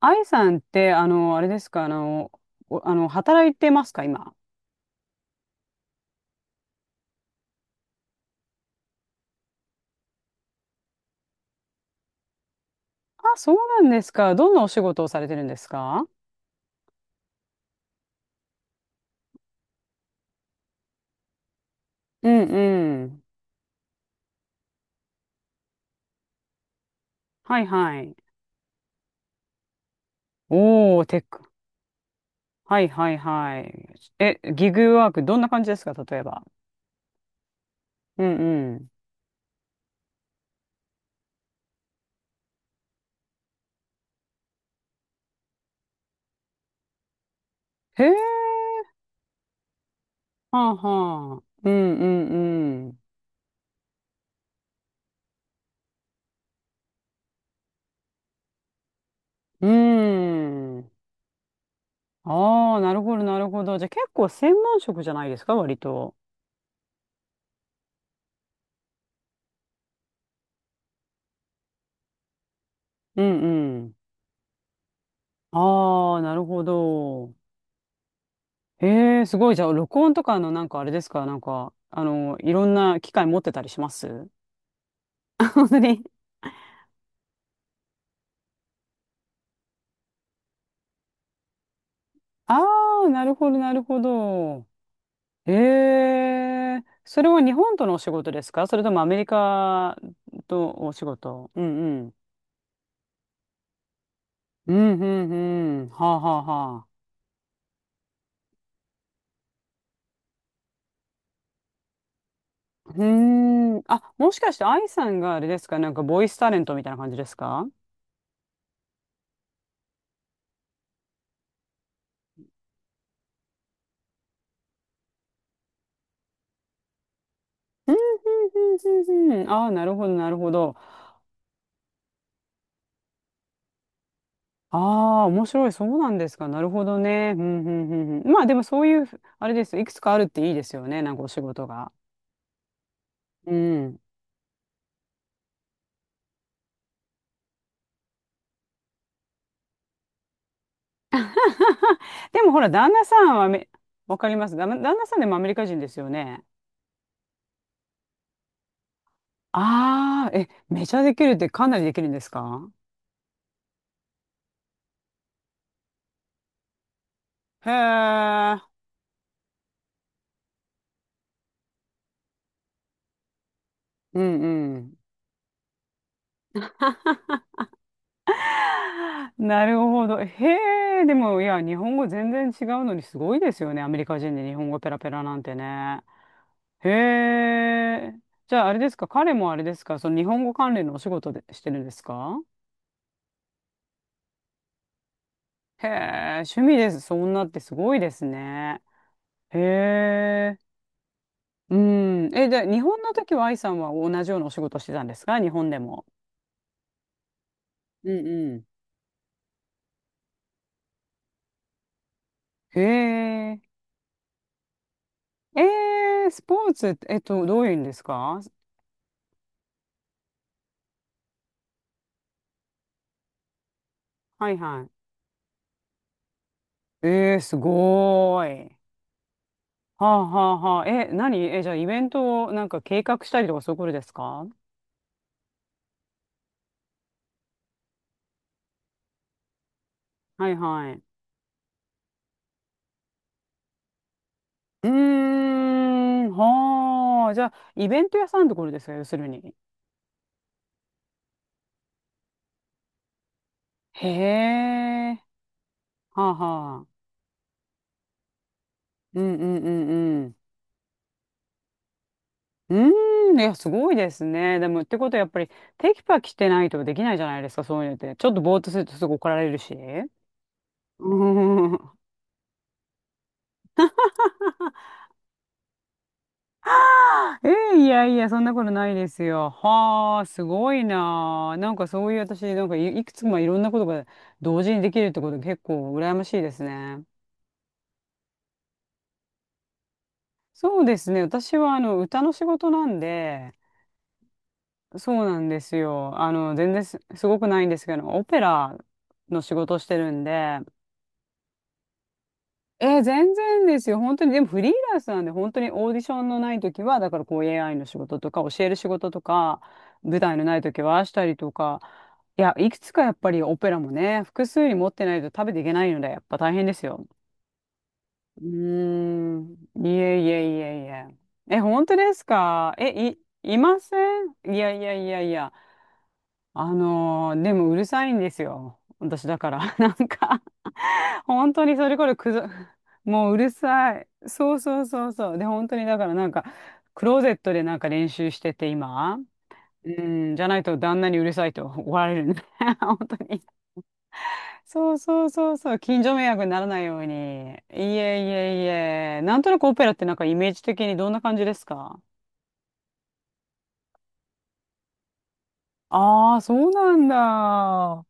愛さんって、あれですか、あの、おあの、働いてますか、今？あ、そうなんですか。どんなお仕事をされてるんですか？うんうん。はいはい。おー、テック。はいはいはい。え、ギグワーク、どんな感じですか、例えば？うんうん。へー、はあはあ。うんうんうん。うん。ああ、なるほどなるほど。じゃあ結構専門職じゃないですか、割と。うんうん。ああ、なるほど。ええ、すごい。じゃあ、録音とかのなんかあれですか、なんか、いろんな機械持ってたりします？ 本当に。ああ、なるほど、なるほど。ええ、それは日本とのお仕事ですか、それともアメリカとお仕事？うんうん。うんうんうん。はあはあはあ。うーん。あ、もしかして愛さんがあれですか、なんかボイスタレントみたいな感じですか？うんうんうんうんうん。ああ、なるほど、なるほど。ああ、面白い。そうなんですか。なるほどね。うん、うん、うんうん。まあでもそういう、あれですよ。いくつかあるっていいですよね。なんかお仕事が。うん。でもほら、旦那さんはめ、わかります。旦那さんでもアメリカ人ですよね。ああ、え、めちゃできるってかなりできるんですか？へえ。うんうん。なるほど。へえ、でも、いや、日本語全然違うのにすごいですよね。アメリカ人で日本語ペラペラなんてね。へえ。じゃあ、あれですか、彼もあれですか、その日本語関連のお仕事でしてるんですか？へえ、趣味です。そんなってすごいですね。へえ。うん。え、で、日本の時は愛さんは同じようなお仕事してたんですか、日本でも？うんうん。へえ。えー、スポーツって、どういうんですか？はいはい。えー、すごーい。はあはあはあ。え、何え、じゃあイベントをなんか計画したりとかそういうことですか？はいはい。うーん、はあ。じゃあ、イベント屋さんってことですか、要するに？へえ。はあはあ。うんうんうんうん。うーん、いや、すごいですね。でも、ってことはやっぱり、テキパキしてないとできないじゃないですか、そういうのって。ちょっとぼーっとするとすぐ怒られるし。うん、えー、いやいや、そんなことないですよ。はあ、すごいなあ。なんかそういう私、なんかい、いくつもいろんなことが同時にできるってこと結構羨ましいですね。そうですね。私はあの歌の仕事なんで、そうなんですよ。あの、全然す、すごくないんですけど、オペラの仕事をしてるんで、えー全然ですよ。本当に、でもフリーランスなんで、本当にオーディションのない時は、だからこう AI の仕事とか、教える仕事とか、舞台のない時はしたりとか、いや、いくつかやっぱりオペラもね、複数に持ってないと食べていけないので、やっぱ大変ですよ。うーん、いえいえいえいえ。え、本当ですか、え、い、いません、いやいやいやいや。あのー、でもうるさいんですよ、私だから。なんか本当にそれこそくぞ、もううるさい。そうそうそうそう。で、本当にだからなんか、クローゼットでなんか練習してて今。うん、じゃないと旦那にうるさいと怒られるんで。本当に。そうそうそうそう。近所迷惑にならないように。いえいえいえ。なんとなくオペラってなんかイメージ的にどんな感じですか？ああー、そうなんだ。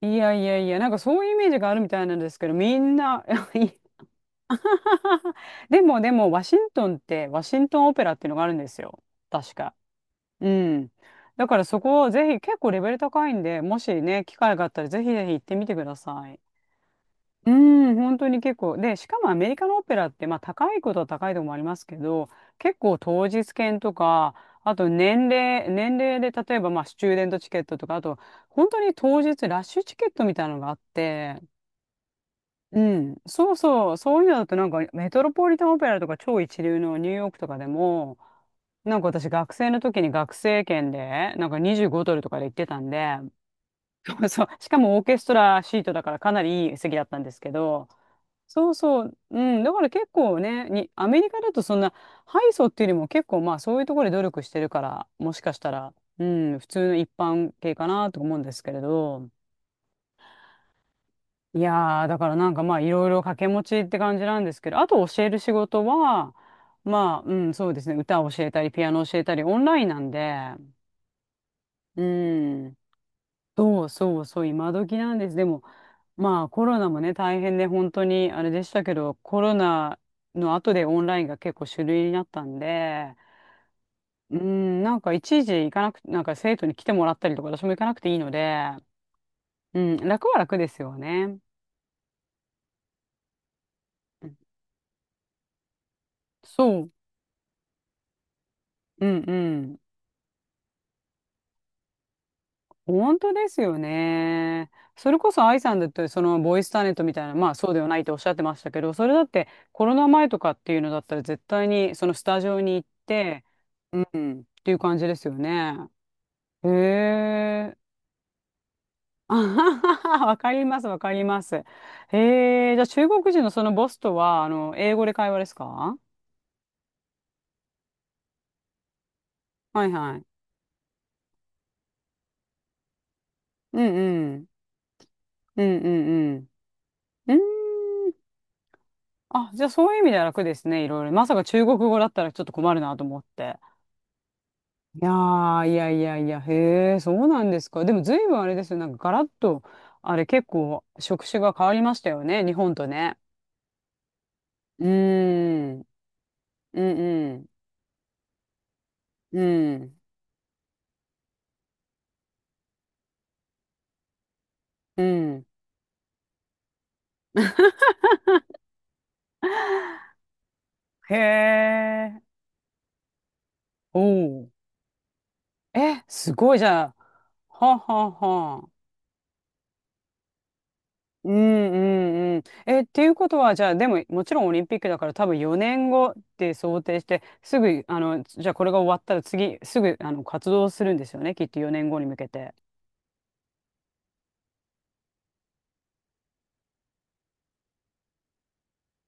いやいやいや、なんかそういうイメージがあるみたいなんですけど、みんな、いや、でもでも、ワシントンって、ワシントンオペラっていうのがあるんですよ、確か。うん。だからそこをぜひ、結構レベル高いんで、もしね、機会があったらぜひぜひ行ってみてください。うん、本当に結構。で、しかもアメリカのオペラって、まあ高いことは高いとこもありますけど、結構当日券とか、あと年齢、年齢で例えばまあスチューデントチケットとか、あと本当に当日ラッシュチケットみたいなのがあって、うん、そうそう、そういうのだとなんかメトロポリタンオペラとか超一流のニューヨークとかでも、なんか私学生の時に学生券で、なんか25ドルとかで行ってたんで、そうそう、しかもオーケストラシートだからかなりいい席だったんですけど、そうそう、うん、だから結構ね、に、アメリカだとそんな、ハイソっていうよりも結構まあそういうところで努力してるから、もしかしたら、うん、普通の一般系かなと思うんですけれど、いやー、だからなんかまあいろいろ掛け持ちって感じなんですけど、あと教える仕事は、まあ、うん、そうですね、歌を教えたり、ピアノ教えたり、オンラインなんで、うん、そうそうそう、今時なんです。でも、まあコロナもね、大変で本当にあれでしたけど、コロナの後でオンラインが結構主流になったんで、うん、なんか一時行かなく、なんか生徒に来てもらったりとか、私も行かなくていいので、うん、楽は楽ですよね。うん、そう、うんうん。本当ですよね。それこそ愛さんだって、そのボイスターネットみたいな、まあそうではないっておっしゃってましたけど、それだってコロナ前とかっていうのだったら絶対にそのスタジオに行ってっていう感じですよね。へえ。あはははわかります、わかります。へえ、じゃあ中国人のそのボスとは、英語で会話ですか？はいはい。うんうん。うんうんうん。うん。あ、じゃあそういう意味では楽ですね、いろいろ。まさか中国語だったらちょっと困るなと思って。いやー、いやいやいや、へえ、そうなんですか。でも随分あれですよ。なんかガラッと、あれ結構職種が変わりましたよね、日本とね。うーん。うんうん。うん。うん。へえ。おう。え、すごい、じゃあ。はあはあはあ。うんうんうん。え、っていうことは、じゃあ、でも、もちろんオリンピックだから多分4年後って想定して、すぐ、あの、じゃあこれが終わったら次、すぐ、あの、活動するんですよね、きっと4年後に向けて。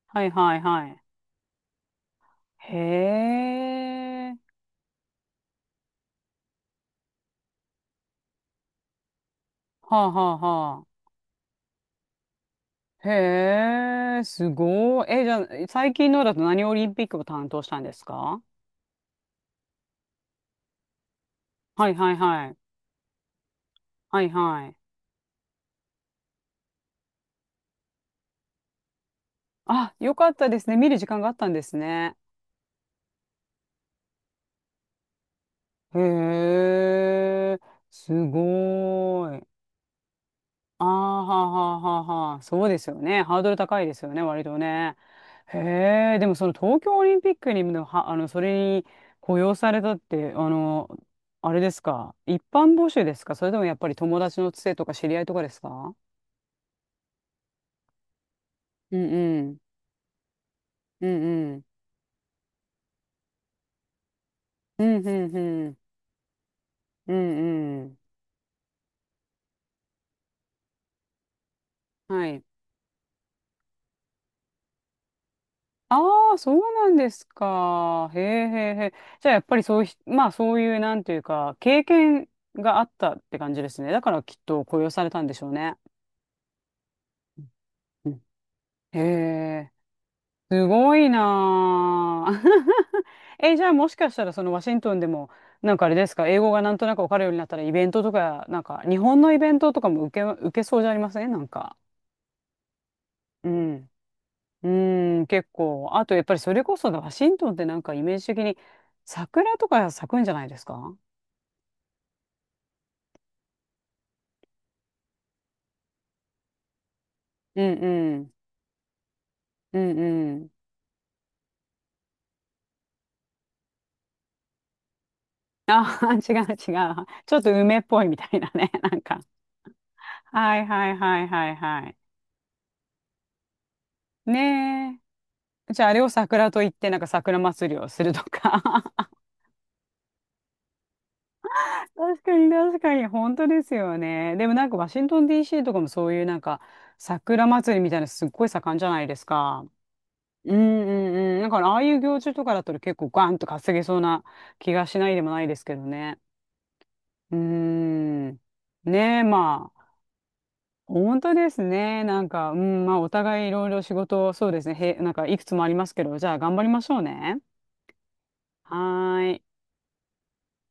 はいはいはい。へえ。はあはあはあ。へえ、すごい。え、じゃあ、最近のだと何オリンピックを担当したんですか？はいはいはい。はいはい。あ、よかったですね。見る時間があったんですね。へえ、すごい。ああ、はあはあはあはあ。そうですよね。ハードル高いですよね、割とね。へえ、でもその東京オリンピックにも、は、あの、それに雇用されたって、あの、あれですか。一般募集ですか、それともやっぱり友達のつてとか知り合いとかですか？うんうん。うんうん。うんうんうん。うんうん。はい、ああ、そうなんですか。へえへえへえ。じゃあ、やっぱりそうひ、まあ、そういう、なんていうか、経験があったって感じですね。だから、きっと雇用されたんでしょうね。うん、へえ、すごいなあ。え、じゃあ、もしかしたら、そのワシントンでも、なんかあれですか、英語がなんとなくわかるようになったら、イベントとか、なんか、日本のイベントとかも受け、受けそうじゃありませんなんか。うん。うーん、結構。あと、やっぱりそれこそ、ワシントンってなんかイメージ的に、桜とか咲くんじゃないですか？うんうん。うんうん。あ 違う違う。ちょっと梅っぽいみたいなね、なんか。はいはいはいはいはい。ねえ。じゃあ、あれを桜と言って、なんか桜祭りをするとか。確かに確かに、本当ですよね。でもなんかワシントン DC とかもそういうなんか桜祭りみたいなのすっごい盛んじゃないですか。うんうんうん。だからああいう行事とかだと結構ガンと稼げそうな気がしないでもないですけどね。うーん。ねえ、まあ、本当ですね。なんか、うん、まあ、お互いいろいろ仕事、そうですね。へ、なんか、いくつもありますけど、じゃあ頑張りましょうね。はーい。